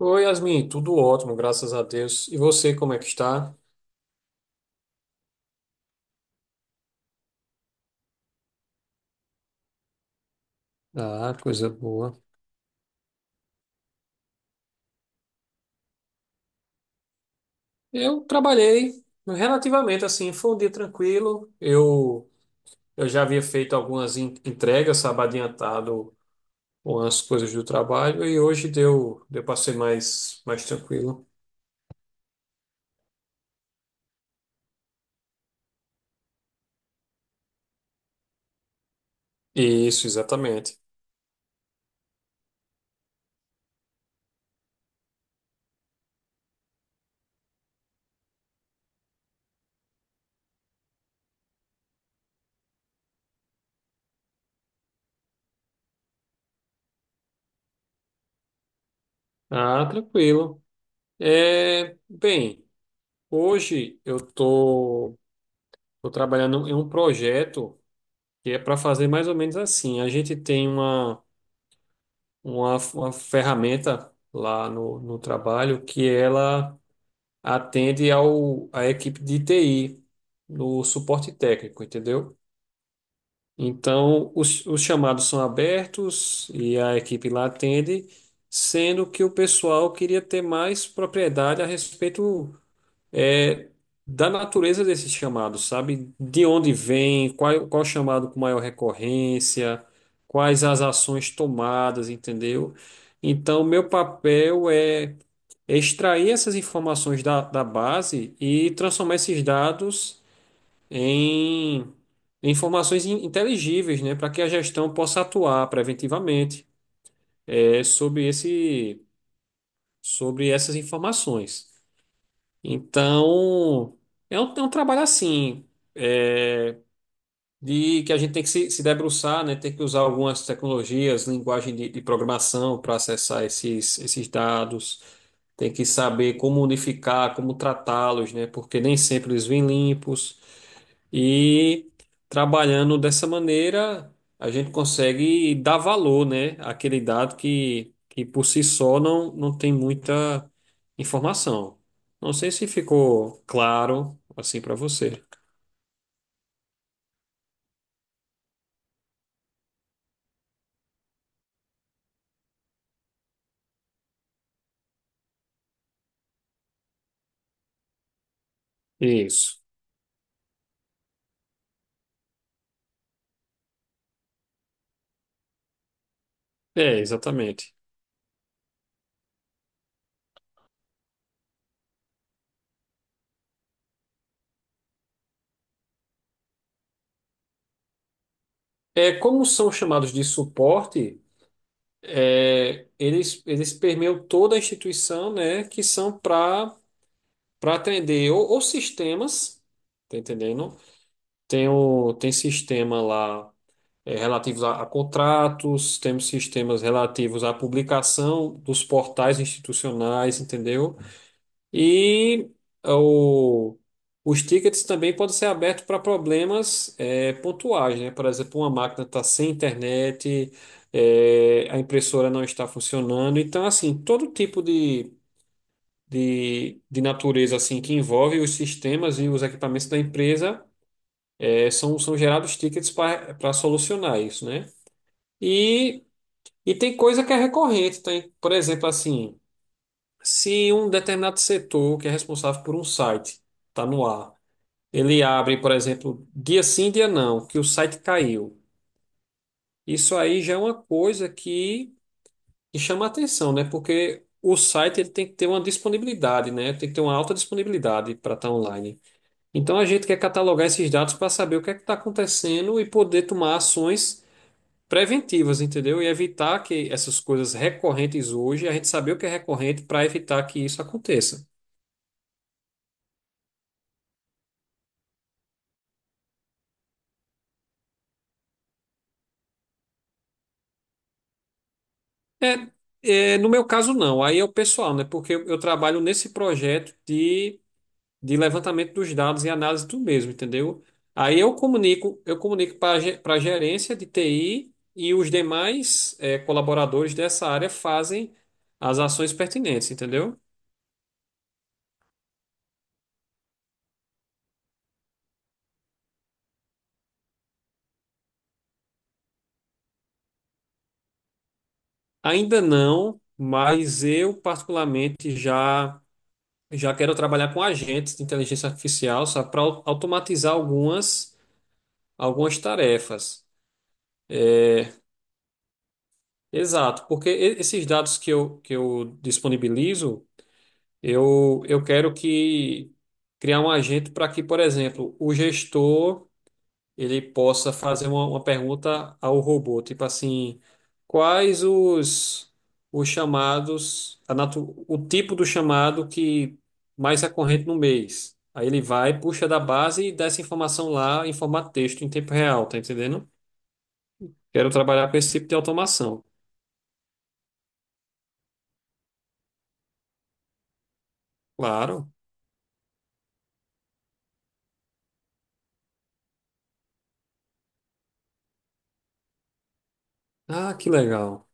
Oi, Yasmin, tudo ótimo, graças a Deus. E você, como é que está? Ah, coisa boa. Eu trabalhei relativamente assim, foi um dia tranquilo. Eu já havia feito algumas entregas, sabe, adiantado umas coisas do trabalho e hoje deu para ser mais tranquilo. Isso, exatamente. Ah, tranquilo. É, bem, hoje tô trabalhando em um projeto que é para fazer mais ou menos assim. A gente tem uma ferramenta lá no trabalho que ela atende à equipe de TI, no suporte técnico, entendeu? Então, os chamados são abertos e a equipe lá atende, sendo que o pessoal queria ter mais propriedade a respeito é, da natureza desses chamados, sabe? De onde vem, qual chamado com maior recorrência, quais as ações tomadas, entendeu? Então, meu papel é extrair essas informações da base e transformar esses dados em em informações inteligíveis, né, para que a gestão possa atuar preventivamente, é, sobre sobre essas informações. Então, é um trabalho assim. É, de que a gente tem que se debruçar, né? Tem que usar algumas tecnologias, linguagem de programação para acessar esses dados, tem que saber como unificar, como tratá-los, né? Porque nem sempre eles vêm limpos. E trabalhando dessa maneira, a gente consegue dar valor, né, àquele dado que por si só não tem muita informação. Não sei se ficou claro assim para você. Isso. É, exatamente. É, como são chamados de suporte, é, eles permeiam toda a instituição, né, que são para atender ou sistemas, tá entendendo? Tem, o, tem sistema lá é, relativos a contratos, temos sistemas relativos à publicação dos portais institucionais, entendeu? E eh, o- os tickets também podem ser abertos para problemas pontuais, né? Por exemplo, uma máquina está sem internet, a impressora não está funcionando. Então, assim, todo tipo de natureza assim que envolve os sistemas e os equipamentos da empresa são gerados tickets para solucionar isso, né? E, e tem coisa que é recorrente, tem, por exemplo, assim, se um determinado setor que é responsável por um site está no ar. Ele abre, por exemplo, dia sim, dia não, que o site caiu. Isso aí já é uma coisa que chama atenção, né? Porque o site ele tem que ter uma disponibilidade, né? Tem que ter uma alta disponibilidade para estar online. Então a gente quer catalogar esses dados para saber o que é que está acontecendo e poder tomar ações preventivas, entendeu? E evitar que essas coisas recorrentes hoje, a gente saber o que é recorrente para evitar que isso aconteça. No meu caso, não. Aí é o pessoal, né? Porque eu trabalho nesse projeto de levantamento dos dados e análise do mesmo, entendeu? Eu comunico para a gerência de TI e os demais colaboradores dessa área fazem as ações pertinentes, entendeu? Ainda não, mas eu particularmente já quero trabalhar com agentes de inteligência artificial só para automatizar algumas tarefas. Exato, porque esses dados que eu disponibilizo. Eu quero que criar um agente para que, por exemplo, o gestor ele possa fazer uma pergunta ao robô, tipo assim, quais os, os chamados, o tipo do chamado que mais é corrente no mês. Aí ele vai, puxa da base e dá essa informação lá em formato texto, em tempo real, tá entendendo? Quero trabalhar com esse tipo de automação. Claro. Ah, que legal.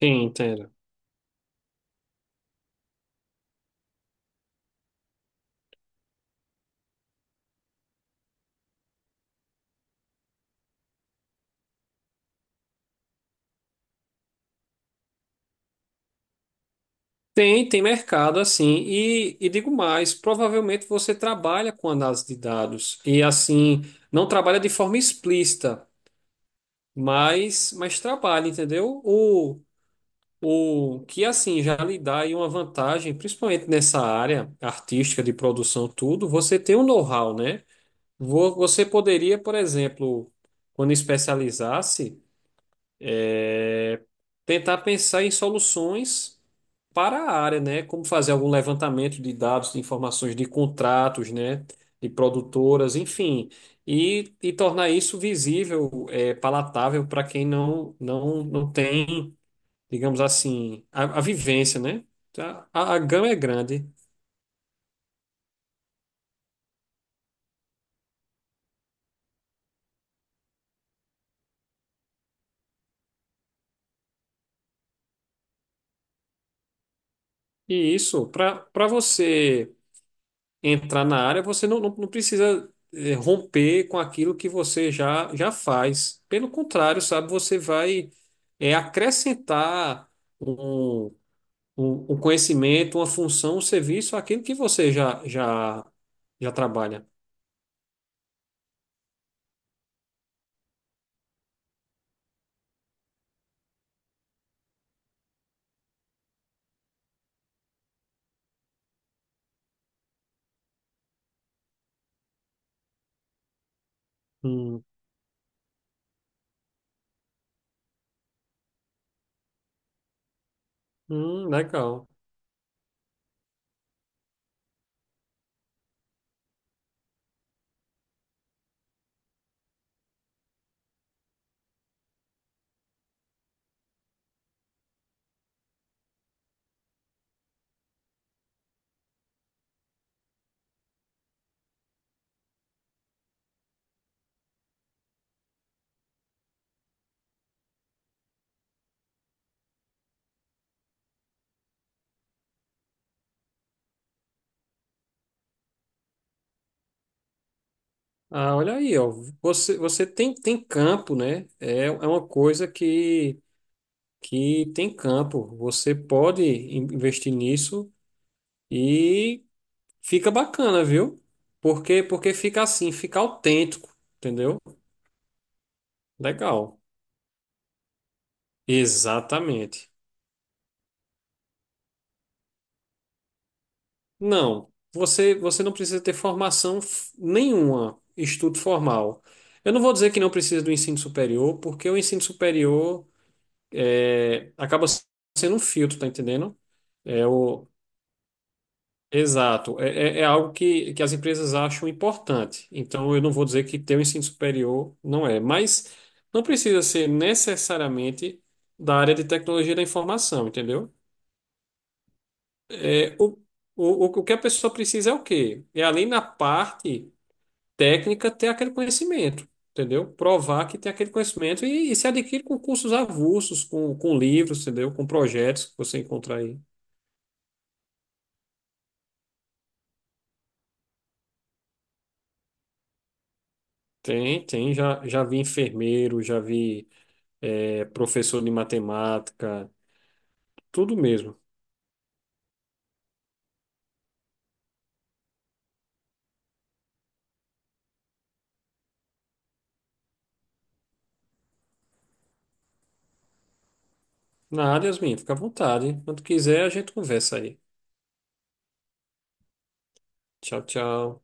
Sim, entendo. Tem, tem mercado assim. E digo mais, provavelmente você trabalha com análise de dados. E assim, não trabalha de forma explícita, mas trabalha, entendeu? O que assim já lhe dá aí uma vantagem, principalmente nessa área artística de produção, tudo, você tem um know-how, né? Você poderia, por exemplo, quando especializasse, tentar pensar em soluções para a área, né? Como fazer algum levantamento de dados, de informações de contratos, né? De produtoras, enfim, e tornar isso visível, é, palatável para quem não tem, digamos assim, a vivência, né? Tá? A gama é grande. E isso, para você entrar na área, você não precisa romper com aquilo que você já faz. Pelo contrário, sabe, você vai acrescentar um, um conhecimento, uma função, um serviço àquilo que você já trabalha. Hum, legal. Ah, olha aí, ó. Você tem, tem campo, né? É, é uma coisa que tem campo. Você pode investir nisso e. Fica bacana, viu? Porque fica assim, fica autêntico, entendeu? Legal. Exatamente. Não, você não precisa ter formação nenhuma, estudo formal. Eu não vou dizer que não precisa do ensino superior, porque o ensino superior é, acaba sendo um filtro, tá entendendo? É, o, Exato. É algo que as empresas acham importante. Então, eu não vou dizer que ter o ensino superior não é, mas não precisa ser necessariamente da área de tecnologia da informação, entendeu? É, o, o que a pessoa precisa é o quê? É, além da parte técnica, ter aquele conhecimento, entendeu? Provar que tem aquele conhecimento e se adquire com cursos avulsos, com livros, entendeu? Com projetos que você encontrar aí. Tem, tem. Já vi enfermeiro, já vi é, professor de matemática, tudo mesmo. Na área, Yasmin, fica à vontade. Quando quiser, a gente conversa aí. Tchau, tchau.